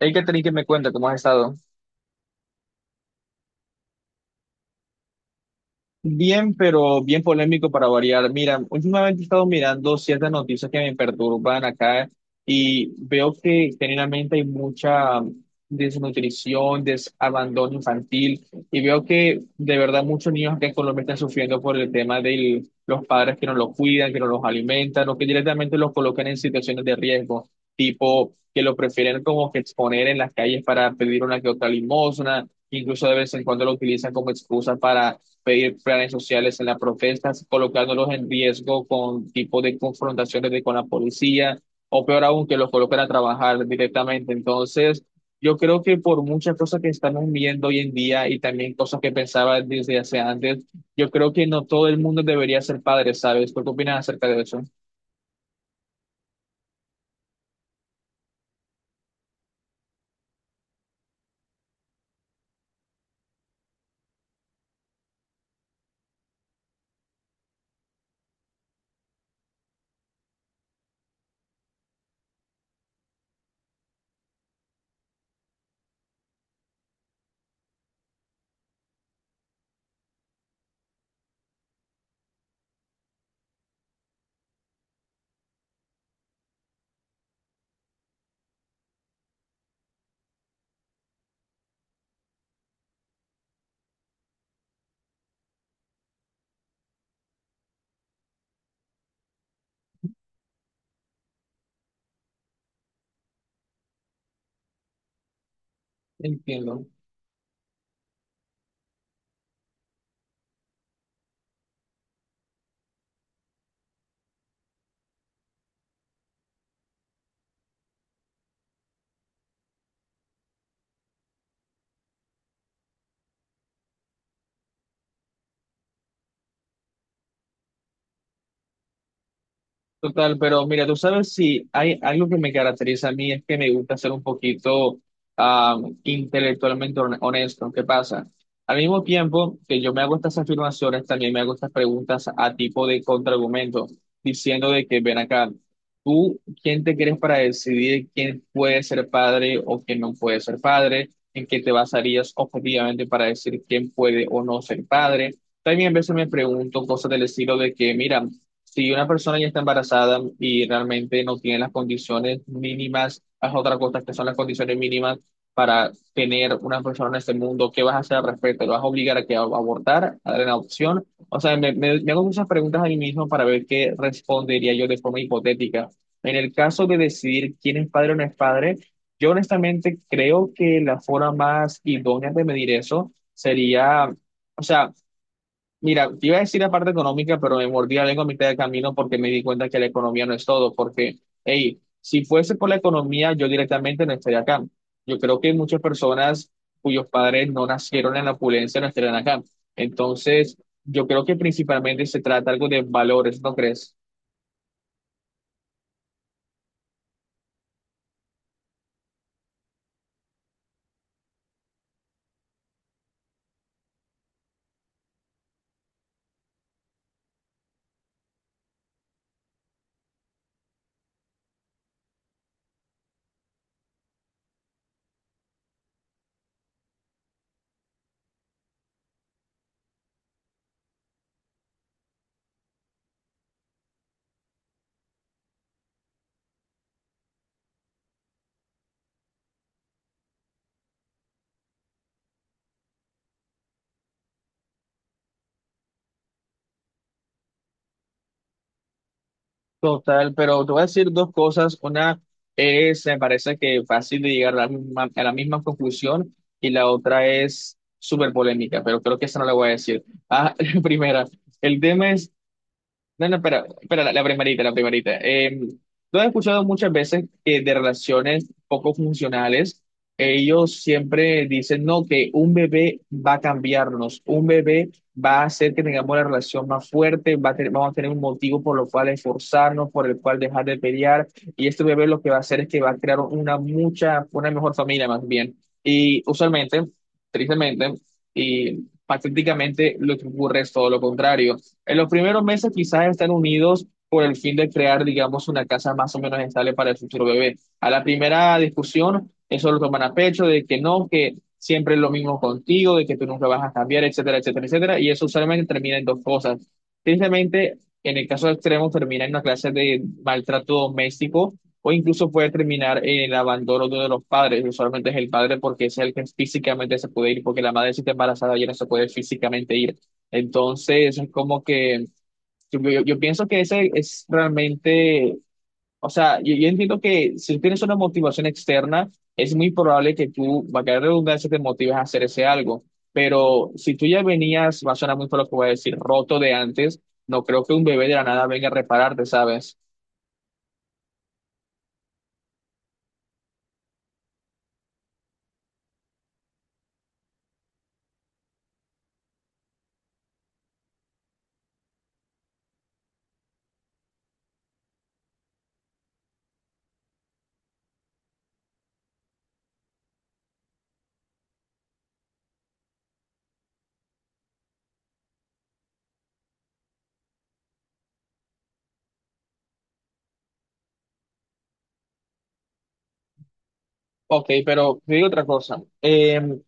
Hey, Catherine, ¿que me cuenta? ¿Cómo has estado? Bien, pero bien polémico para variar. Mira, últimamente he estado mirando ciertas noticias que me perturban acá y veo que generalmente hay mucha desnutrición, desabandono infantil y veo que de verdad muchos niños acá en Colombia están sufriendo por el tema de los padres que no los cuidan, que no los alimentan o que directamente los colocan en situaciones de riesgo, tipo que lo prefieren como que exponer en las calles para pedir una que otra limosna, incluso de vez en cuando lo utilizan como excusa para pedir planes sociales en las protestas, colocándolos en riesgo con tipo de con la policía, o peor aún, que los coloquen a trabajar directamente. Entonces, yo creo que por muchas cosas que estamos viendo hoy en día y también cosas que pensaba desde hace antes, yo creo que no todo el mundo debería ser padre, ¿sabes? ¿Tú qué opinas acerca de eso? Entiendo. Total, pero mira, tú sabes si hay algo que me caracteriza a mí es que me gusta ser un poquito ah, intelectualmente honesto. ¿Qué pasa? Al mismo tiempo que yo me hago estas afirmaciones, también me hago estas preguntas a tipo de contraargumento, diciendo de que ven acá, ¿tú quién te crees para decidir quién puede ser padre o quién no puede ser padre? ¿En qué te basarías objetivamente para decir quién puede o no ser padre? También a veces me pregunto cosas del estilo de que, mira, si una persona ya está embarazada y realmente no tiene las condiciones mínimas, haz otra cosa que son las condiciones mínimas para tener una persona en este mundo, ¿qué vas a hacer al respecto? ¿Lo vas a obligar a que a abortar, a dar en adopción? O sea, me hago muchas preguntas a mí mismo para ver qué respondería yo de forma hipotética. En el caso de decidir quién es padre o no es padre, yo honestamente creo que la forma más idónea de medir eso sería... O sea, mira, te iba a decir la parte económica, pero me mordí la lengua a mitad de camino porque me di cuenta que la economía no es todo, porque, hey, si fuese por la economía, yo directamente no estaría acá. Yo creo que muchas personas cuyos padres no nacieron en la opulencia no estarían acá. Entonces, yo creo que principalmente se trata algo de valores, ¿no crees? Total, pero te voy a decir dos cosas. Una es, me parece que fácil de llegar a la misma conclusión y la otra es súper polémica, pero creo que esa no la voy a decir. Ah, primera, el tema es no, no, pero la primerita, la primerita. Lo he escuchado muchas veces que de relaciones poco funcionales, ellos siempre dicen, no, que un bebé va a cambiarnos, un bebé va a hacer que tengamos la relación más fuerte, vamos a tener un motivo por lo cual esforzarnos, por el cual dejar de pelear, y este bebé lo que va a hacer es que va a crear una mucha, una mejor familia más bien. Y usualmente, tristemente, y patéticamente, lo que ocurre es todo lo contrario en los primeros meses quizás están unidos por el fin de crear, digamos, una casa más o menos estable para el futuro bebé. A la primera discusión, eso lo toman a pecho, de que no, que siempre es lo mismo contigo, de que tú nunca vas a cambiar, etcétera, etcétera, etcétera. Y eso usualmente termina en dos cosas. Tristemente, en el caso extremo, termina en una clase de maltrato doméstico o incluso puede terminar en el abandono de uno de los padres. Usualmente es el padre porque es el que físicamente se puede ir, porque la madre si está embarazada ya no se puede físicamente ir. Entonces, es como que yo pienso que ese es realmente, o sea, yo entiendo que si tienes una motivación externa, es muy probable que tú, va a caer redundancia, te motives a hacer ese algo. Pero si tú ya venías, va a sonar muy por lo que voy a decir, roto de antes, no creo que un bebé de la nada venga a repararte, ¿sabes? Ok, pero te digo otra cosa.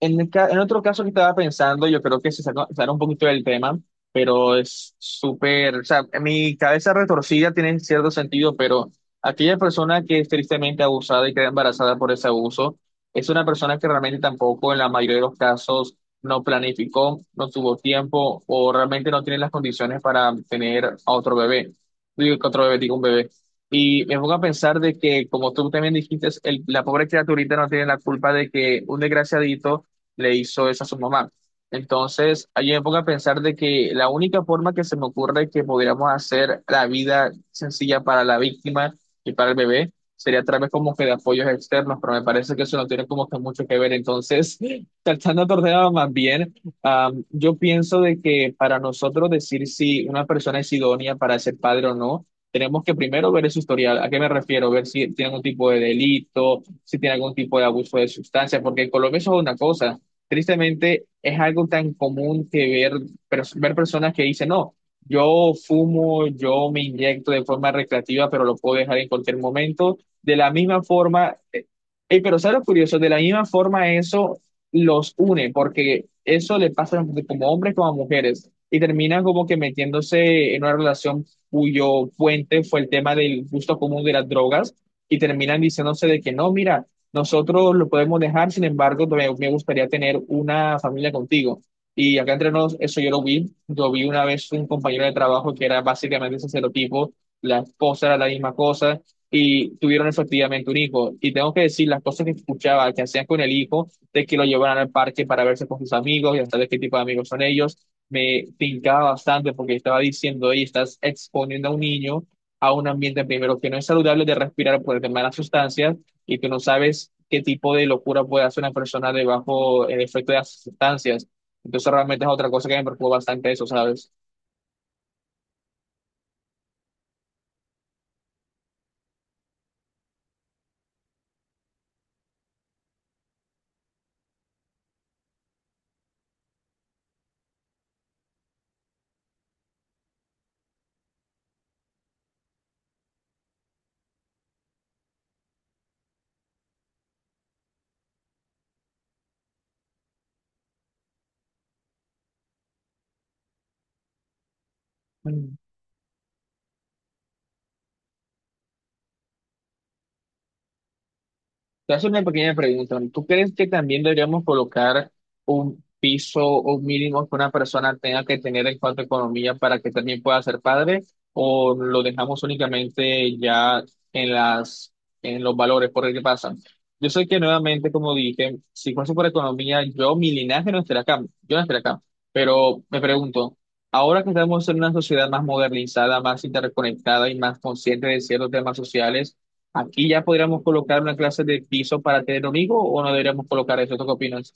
En otro caso que estaba pensando, yo creo que se saca, sale un poquito del tema, pero es súper, o sea, mi cabeza retorcida tiene cierto sentido, pero aquella persona que es tristemente abusada y queda embarazada por ese abuso, es una persona que realmente tampoco en la mayoría de los casos no planificó, no tuvo tiempo o realmente no tiene las condiciones para tener a otro bebé. Digo que otro bebé, digo un bebé. Y me pongo a pensar de que, como tú también dijiste, la pobre criaturita no tiene la culpa de que un desgraciadito le hizo eso a su mamá. Entonces, allí me pongo a pensar de que la única forma que se me ocurre que pudiéramos hacer la vida sencilla para la víctima y para el bebé sería a través como que de apoyos externos, pero me parece que eso no tiene como que mucho que ver. Entonces, tratando de ordenar más bien, yo pienso de que para nosotros decir si una persona es idónea para ser padre o no, tenemos que primero ver su historial. ¿A qué me refiero? Ver si tiene algún tipo de delito, si tiene algún tipo de abuso de sustancia, porque en Colombia eso es una cosa. Tristemente, es algo tan común que ver, ver personas que dicen, no, yo fumo, yo me inyecto de forma recreativa, pero lo puedo dejar en cualquier momento. De la misma forma, pero ¿sabes lo curioso? De la misma forma eso los une, porque eso le pasa como hombres como a mujeres, y terminan como que metiéndose en una relación cuyo puente fue el tema del gusto común de las drogas, y terminan diciéndose de que no, mira, nosotros lo podemos dejar, sin embargo, me gustaría tener una familia contigo. Y acá entre nos, eso yo lo vi. Yo vi una vez un compañero de trabajo que era básicamente ese serotipo, la esposa era la misma cosa, y tuvieron efectivamente un hijo. Y tengo que decir, las cosas que escuchaba que hacían con el hijo, de que lo llevaran al parque para verse con sus amigos y hasta de qué tipo de amigos son ellos, me tincaba bastante porque estaba diciendo, oye, estás exponiendo a un niño a un ambiente primero que no es saludable de respirar por el tema de las sustancias y tú no sabes qué tipo de locura puede hacer una persona debajo el efecto de las sustancias. Entonces realmente es otra cosa que me preocupa bastante eso, ¿sabes? Te hace una pequeña pregunta. ¿Tú crees que también deberíamos colocar un piso o un mínimo que una persona tenga que tener en cuanto a economía para que también pueda ser padre? ¿O lo dejamos únicamente ya en las, en los valores? Porque ¿qué pasa? Yo sé que nuevamente, como dije, si fuese por economía, yo, mi linaje no estaría acá, yo no estaría acá. Pero me pregunto, ahora que estamos en una sociedad más modernizada, más interconectada y más consciente de ciertos temas sociales, aquí ya podríamos colocar una clase de piso para tener un hijo o no deberíamos colocar eso. ¿Tú qué opinas?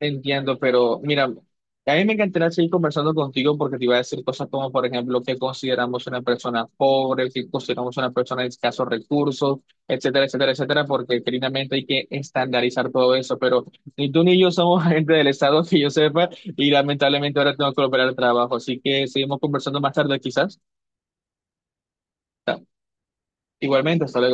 Entiendo, pero mira, a mí me encantaría seguir conversando contigo porque te iba a decir cosas como, por ejemplo, qué consideramos una persona pobre, qué consideramos una persona de escasos recursos, etcétera, etcétera, etcétera, porque finalmente hay que estandarizar todo eso. Pero ni tú ni yo somos gente del Estado que yo sepa y lamentablemente ahora tengo que operar el trabajo. Así que seguimos conversando más tarde quizás. Igualmente, hasta luego.